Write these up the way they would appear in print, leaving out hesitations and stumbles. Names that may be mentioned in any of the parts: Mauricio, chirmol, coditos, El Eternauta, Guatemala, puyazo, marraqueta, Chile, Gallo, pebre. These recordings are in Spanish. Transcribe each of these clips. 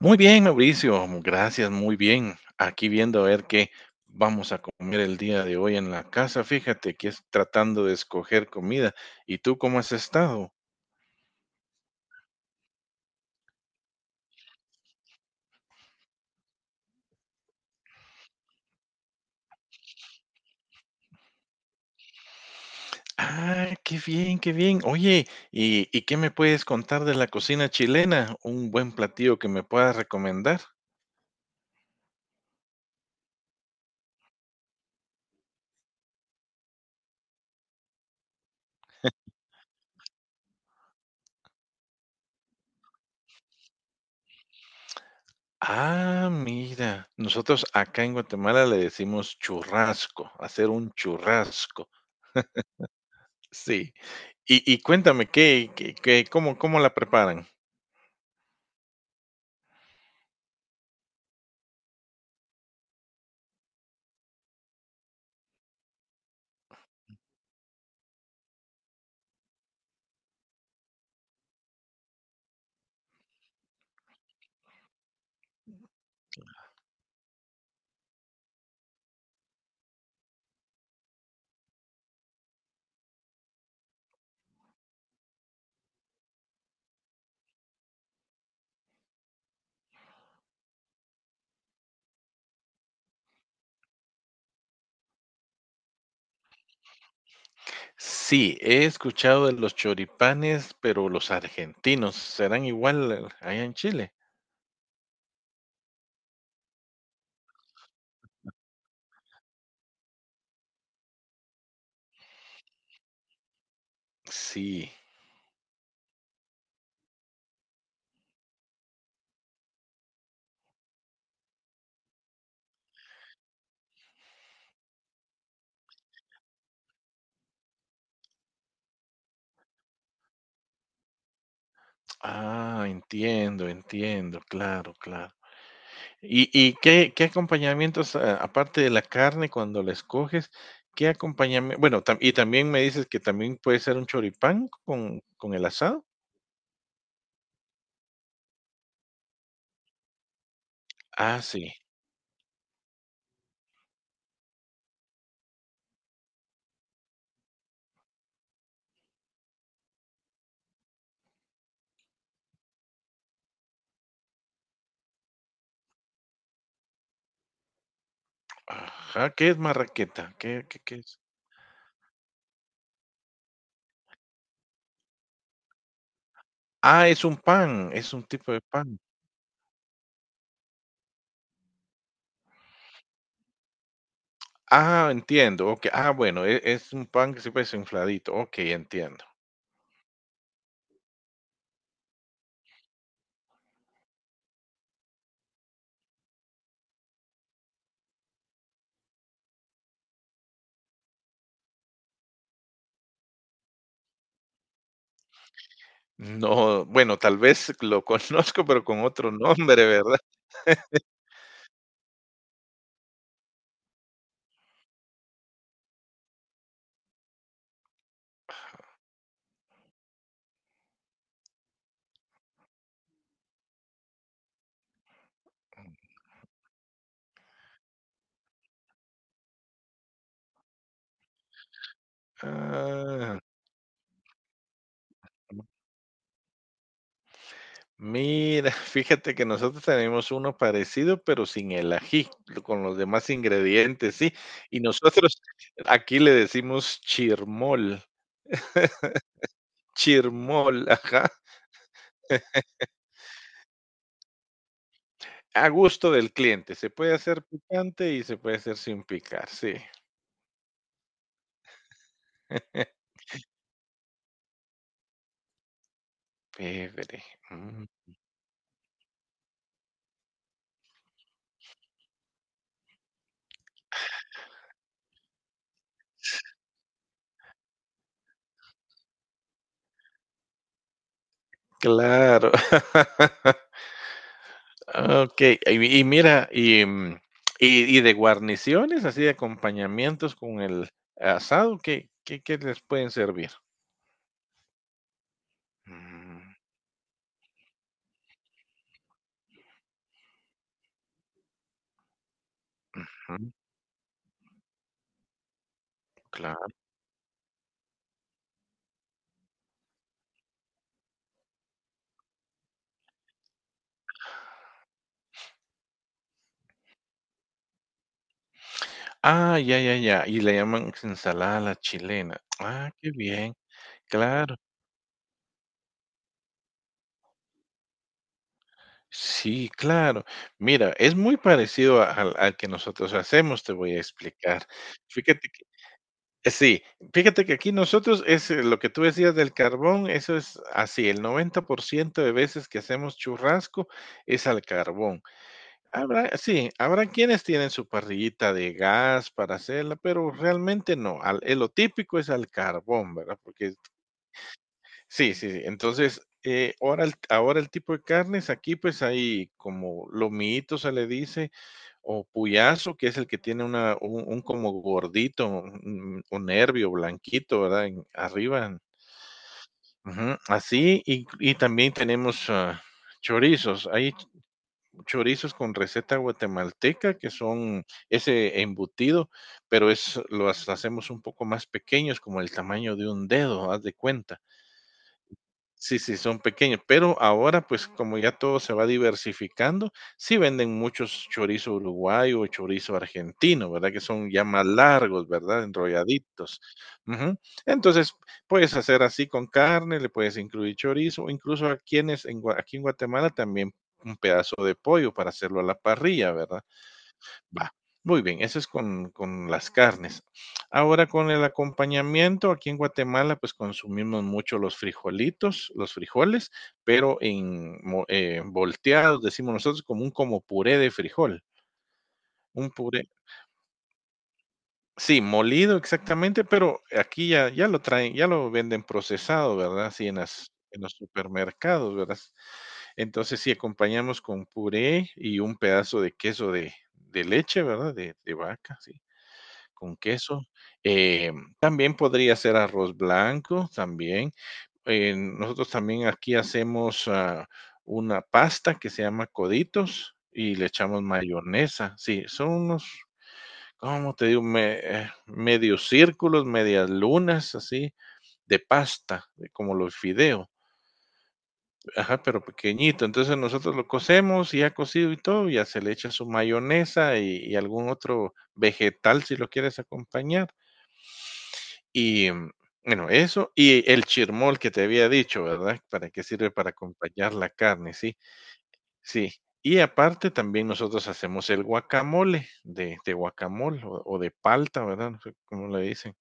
Muy bien, Mauricio. Gracias, muy bien. Aquí viendo a ver qué vamos a comer el día de hoy en la casa. Fíjate que es tratando de escoger comida. ¿Y tú cómo has estado? Ah, qué bien, qué bien. Oye, ¿y qué me puedes contar de la cocina chilena? ¿Un buen platillo que me puedas recomendar? Ah, mira, nosotros acá en Guatemala le decimos churrasco, hacer un churrasco. Sí. Y cuéntame, cómo, cómo la preparan? Sí, he escuchado de los choripanes, pero los argentinos, ¿serán igual allá en Chile? Sí. Ah, entiendo, entiendo, claro, claro. ¿Y qué acompañamientos, a aparte de la carne cuando la escoges, qué acompañamiento? Bueno, también me dices que también puede ser un choripán con el asado? Ah, sí. Ajá, ¿qué es marraqueta? ¿Qué es? Ah, es un pan, es un tipo de pan. Ah, entiendo, okey. Ah, bueno, es un pan que se parece infladito. Okey, entiendo. No, bueno, tal vez lo conozco, pero con otro nombre, ¿verdad? Ah. Mira, fíjate que nosotros tenemos uno parecido, pero sin el ají, con los demás ingredientes, sí. Y nosotros aquí le decimos chirmol, chirmol, ajá, a gusto del cliente. Se puede hacer picante y se puede hacer sin picar, sí. Pebre. Mm. Claro. Ok, y mira, y de guarniciones, así de acompañamientos con el asado, ¿qué les pueden servir? Mm. Ujú, claro. Ah, ya, ya, ya. Y le llaman ensalada a la chilena. Ah, qué bien. Claro. Sí, claro. Mira, es muy parecido al, al que nosotros hacemos, te voy a explicar. Fíjate que, sí, fíjate que aquí nosotros es lo que tú decías del carbón, eso es así, el 90% de veces que hacemos churrasco es al carbón. Habrá, sí, habrá quienes tienen su parrillita de gas para hacerla, pero realmente no. Lo típico es al carbón, ¿verdad? Porque sí, sí, sí. Entonces, ahora el tipo de carnes, aquí pues hay como lomito se le dice, o puyazo, que es el que tiene un como gordito, un nervio blanquito, ¿verdad? Arriba, ujú, así, y también tenemos chorizos chorizos con receta guatemalteca, que son ese embutido, pero es, los hacemos un poco más pequeños, como el tamaño de un dedo, haz de cuenta. Sí, sí, son pequeños, pero ahora, pues, como ya todo se va diversificando, sí venden muchos chorizo uruguayo o chorizo argentino, ¿verdad? Que son ya más largos, ¿verdad? Enrolladitos. Ujú. Entonces, puedes hacer así con carne, le puedes incluir chorizo, o incluso a quienes en aquí en Guatemala también un pedazo de pollo para hacerlo a la parrilla, ¿verdad? Va, muy bien, eso es con las carnes. Ahora con el acompañamiento, aquí en Guatemala, pues consumimos mucho los frijolitos, los frijoles, pero volteados, decimos nosotros, como un como puré de frijol, un puré, sí, molido exactamente, pero aquí ya, ya lo traen, ya lo venden procesado, ¿verdad? Así en las, en los supermercados, ¿verdad? Entonces sí, acompañamos con puré y un pedazo de queso de leche, ¿verdad? De vaca, sí. Con queso, em, también podría ser arroz blanco, también, nosotros también aquí hacemos, una pasta que se llama coditos y le echamos mayonesa. Sí, son unos, ¿cómo te digo? Me medios círculos, medias lunas, así, de pasta, de como los fideos. Ajá, pero pequeñito. Entonces, nosotros lo cocemos, y ya cocido y todo, ya se le echa su mayonesa y algún otro vegetal si lo quieres acompañar. Y bueno, eso y el chirmol que te había dicho, ¿verdad? ¿Para qué sirve? Para acompañar la carne, sí, sí. Y aparte también nosotros hacemos el guacamole de guacamole o de palta, ¿verdad? No sé cómo le dicen.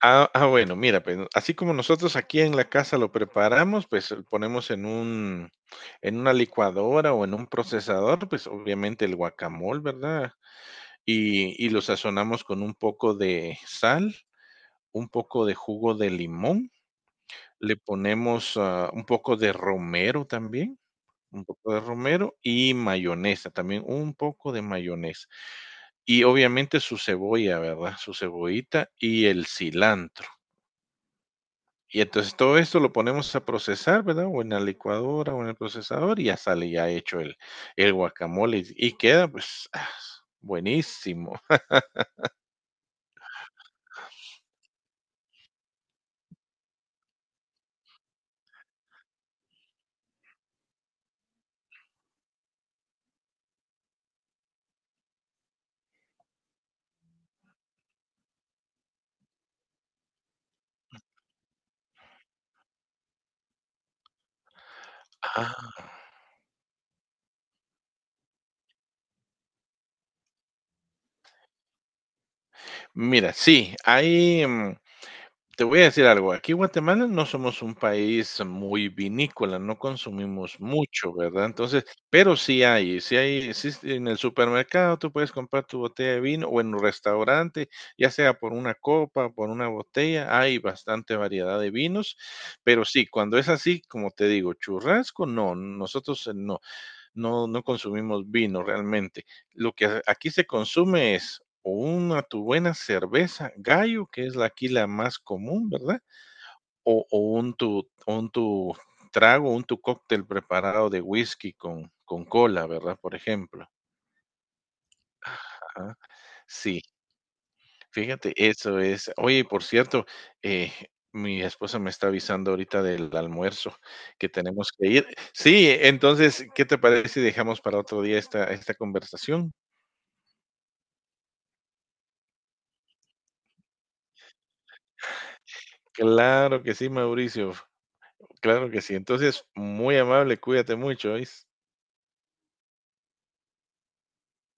Ah, ah, bueno, mira, pues así como nosotros aquí en la casa lo preparamos, pues lo ponemos en un, en una licuadora o en un procesador, pues obviamente el guacamole, ¿verdad? Y y lo sazonamos con un poco de sal, un poco de jugo de limón. Le ponemos, ah, un poco de romero también, un poco de romero y mayonesa, también un poco de mayonesa. Y obviamente su cebolla, ¿verdad? Su cebollita y el cilantro. Y entonces todo esto lo ponemos a procesar, ¿verdad? O en la licuadora o en el procesador y ya sale ya hecho el guacamole y queda, pues, ah, buenísimo. Ah, mira, sí, hay, mm, te voy a decir algo, aquí en Guatemala no somos un país muy vinícola, no consumimos mucho, ¿verdad? Entonces, pero sí hay, sí hay, sí s en el supermercado tú puedes comprar tu botella de vino o en un restaurante, ya sea por una copa, por una botella, hay bastante variedad de vinos, pero sí, cuando es así, como te digo, churrasco, no, nosotros no no consumimos vino realmente. Lo que aquí se consume es o una tu buena cerveza Gallo, que es la aquí la más común, ¿verdad? O un tu trago, un tu cóctel preparado de whisky con cola, ¿verdad? Por ejemplo. Ajá, sí, fíjate, eso es. Oye, por cierto, eh, mi esposa me está avisando ahorita del almuerzo que tenemos que ir. Sí, entonces, ¿qué te parece si dejamos para otro día esta, esta conversación? Claro que sí, Mauricio. Claro que sí. Entonces, muy amable, cuídate mucho, ¿oís?